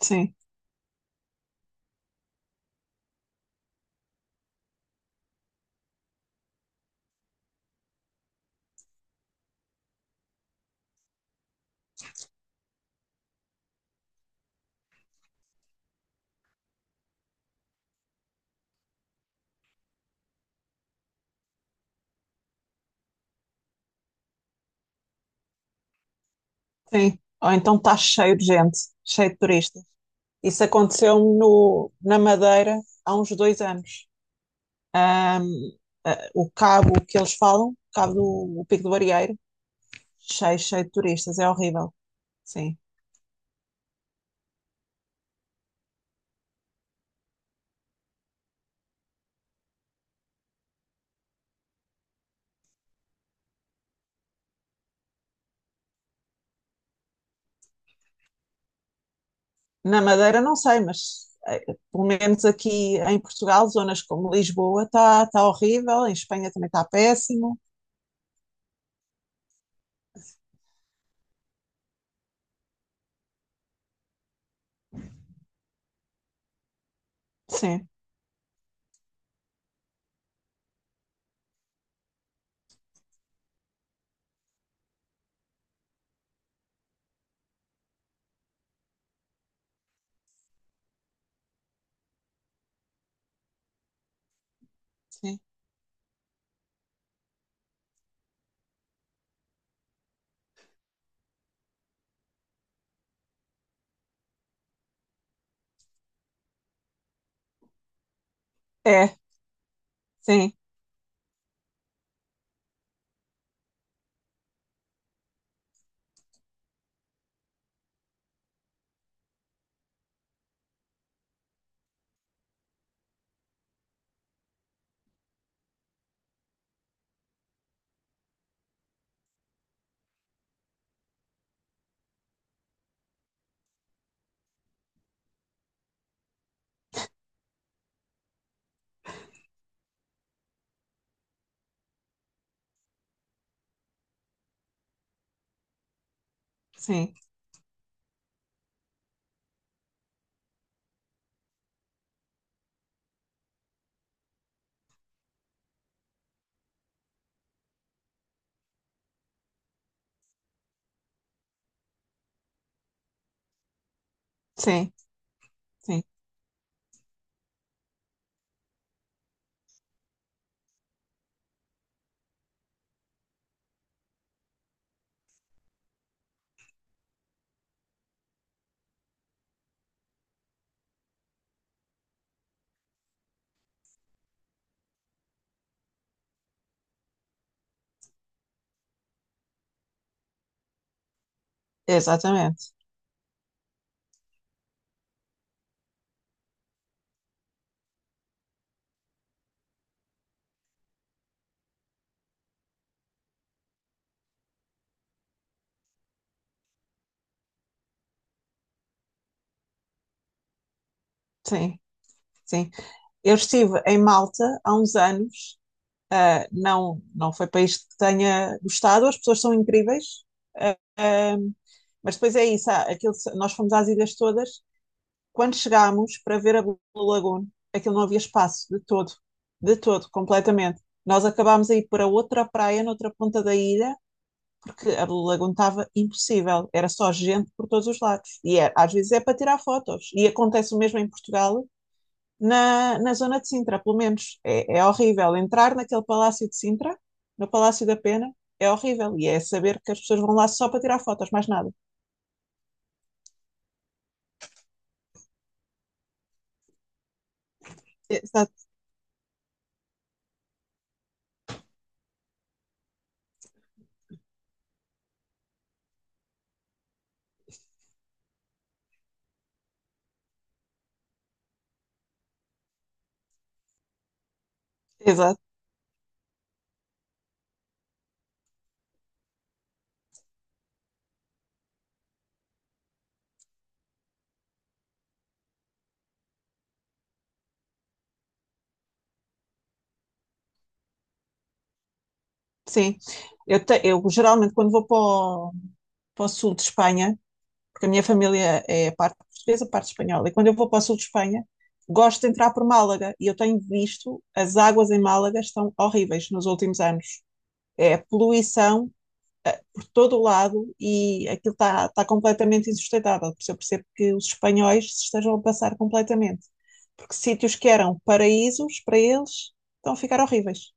Sim, sim. Ou então está cheio de gente, cheio de turistas. Isso aconteceu-me na Madeira há uns 2 anos. Ahm, o cabo que eles falam, cabo do o Pico do Arieiro, cheio, cheio de turistas, é horrível. Sim. Na Madeira não sei, mas pelo menos aqui em Portugal, zonas como Lisboa está tá horrível, em Espanha também está péssimo. Sim, sim. É, sim, sim, sim, sim. Exatamente. Sim, sim. Eu estive em Malta há uns anos. Ah, não, não foi país que tenha gostado. As pessoas são incríveis. ah, ah, mas depois é isso. Há aquilo, nós fomos às ilhas todas. Quando chegámos para ver a Blue Lagoon, aquilo não havia espaço de todo, completamente. Nós acabámos a ir para outra praia, noutra ponta da ilha, porque a Blue Lagoon estava impossível. Era só gente por todos os lados. Às vezes é para tirar fotos. E acontece o mesmo em Portugal na zona de Sintra, pelo menos. É, é horrível entrar naquele Palácio de Sintra, no Palácio da Pena, é horrível. E é saber que as pessoas vão lá só para tirar fotos, mais nada. Exato, exato, sim. Eu geralmente, quando vou para para o sul de Espanha, porque a minha família é parte portuguesa, parte espanhola, e quando eu vou para o sul de Espanha, gosto de entrar por Málaga. E eu tenho visto, as águas em Málaga estão horríveis nos últimos anos. É poluição por todo o lado e aquilo está completamente insustentável. Por isso eu percebo que os espanhóis se estejam a passar completamente. Porque sítios que eram paraísos para eles estão a ficar horríveis.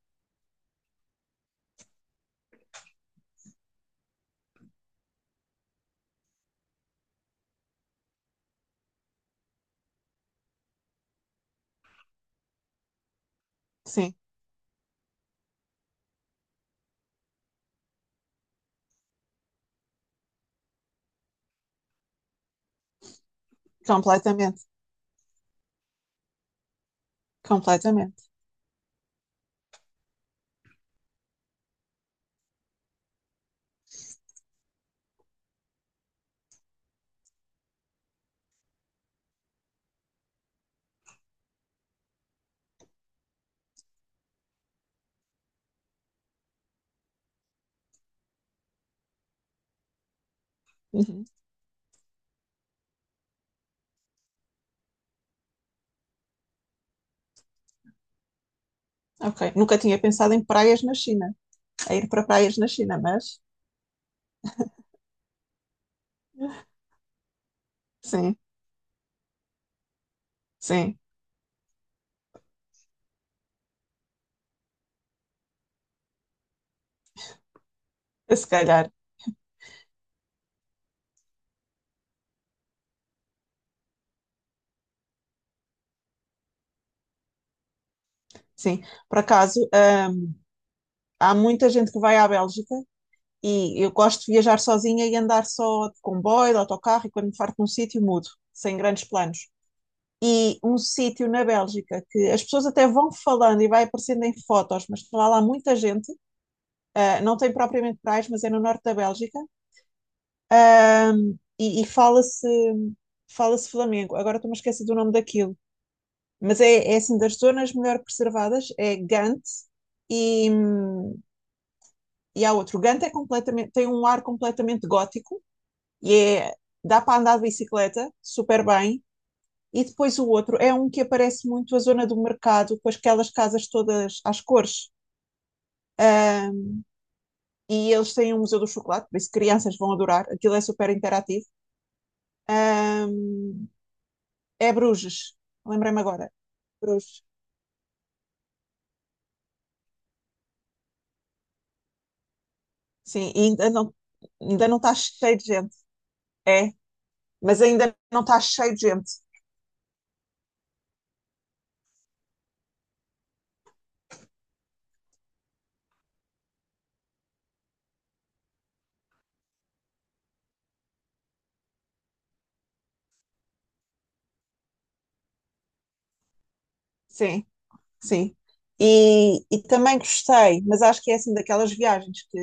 Sim, completamente. Completamente. Uhum. Ok. Nunca tinha pensado em praias na China, a ir para praias na China, mas sim, sim, se calhar, sim. Por acaso, há muita gente que vai à Bélgica. E eu gosto de viajar sozinha e andar só de comboio, de autocarro, e quando me farto de um sítio, mudo, sem grandes planos. E um sítio na Bélgica que as pessoas até vão falando e vai aparecendo em fotos, mas lá muita gente, ah, não tem propriamente praias, mas é no norte da Bélgica, ah, e fala-se Flamengo. Agora estou-me a esquecer do nome daquilo, mas é, é assim das zonas melhor preservadas, é Gante e e há outro. Gante é completamente, tem um ar completamente gótico e é, dá para andar de bicicleta super bem. E depois o outro é um que aparece muito a zona do mercado, com aquelas casas todas às cores. Ahm, e eles têm um museu do chocolate, por isso crianças vão adorar. Aquilo é super interativo. Ahm, É Bruges, lembrei-me agora. Bruges. Sim, ainda não está cheio de gente. É, mas ainda não está cheio de gente. Sim. Sim. E também gostei, mas acho que é assim daquelas viagens que,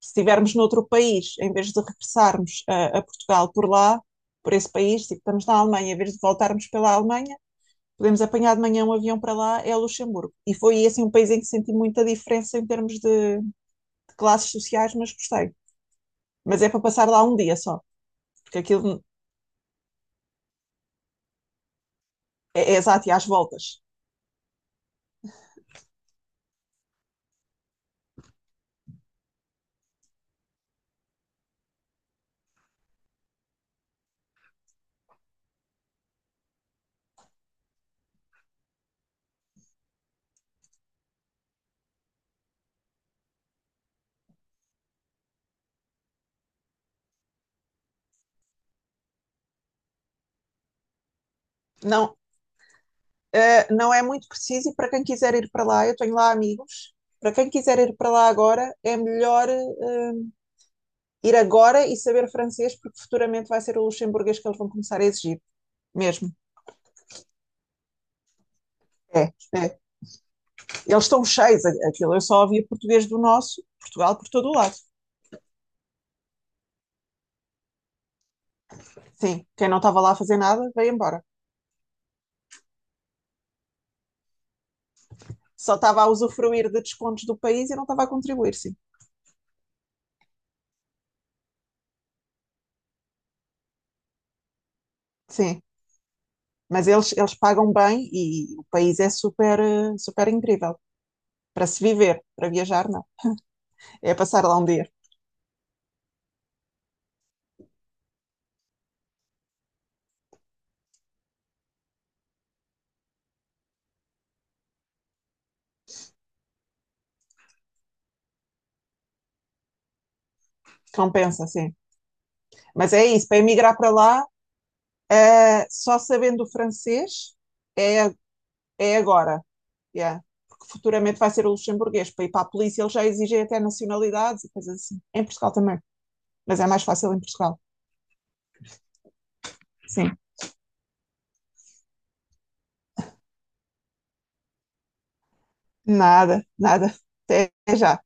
se estivermos noutro país, em vez de regressarmos a Portugal por lá, por esse país, tipo, estamos na Alemanha, em vez de voltarmos pela Alemanha, podemos apanhar de manhã um avião para lá, é Luxemburgo. E foi assim um país em que senti muita diferença em termos de classes sociais, mas gostei. Mas é para passar lá um dia só, porque aquilo é, é exato e às voltas. Não, uh, não é muito preciso e para quem quiser ir para lá, eu tenho lá amigos. Para quem quiser ir para lá agora, é melhor ir agora e saber francês, porque futuramente vai ser o luxemburguês que eles vão começar a exigir, mesmo. É, é. Eles estão cheios, aquilo. Eu só ouvia português do nosso, Portugal por todo o lado. Sim, quem não estava lá a fazer nada, veio embora. Só estava a usufruir de descontos do país e não estava a contribuir, sim. Sim, mas eles pagam bem e o país é super, super incrível. Para se viver, para viajar, não. É passar lá um dia. Compensa, sim. Mas é isso, para emigrar para lá, só sabendo o francês é, é agora. Yeah. Porque futuramente vai ser o luxemburguês. Para ir para a polícia, eles já exigem até nacionalidades e coisas assim. Em Portugal também. Mas é mais fácil em Portugal. Sim. Nada, nada. Até já.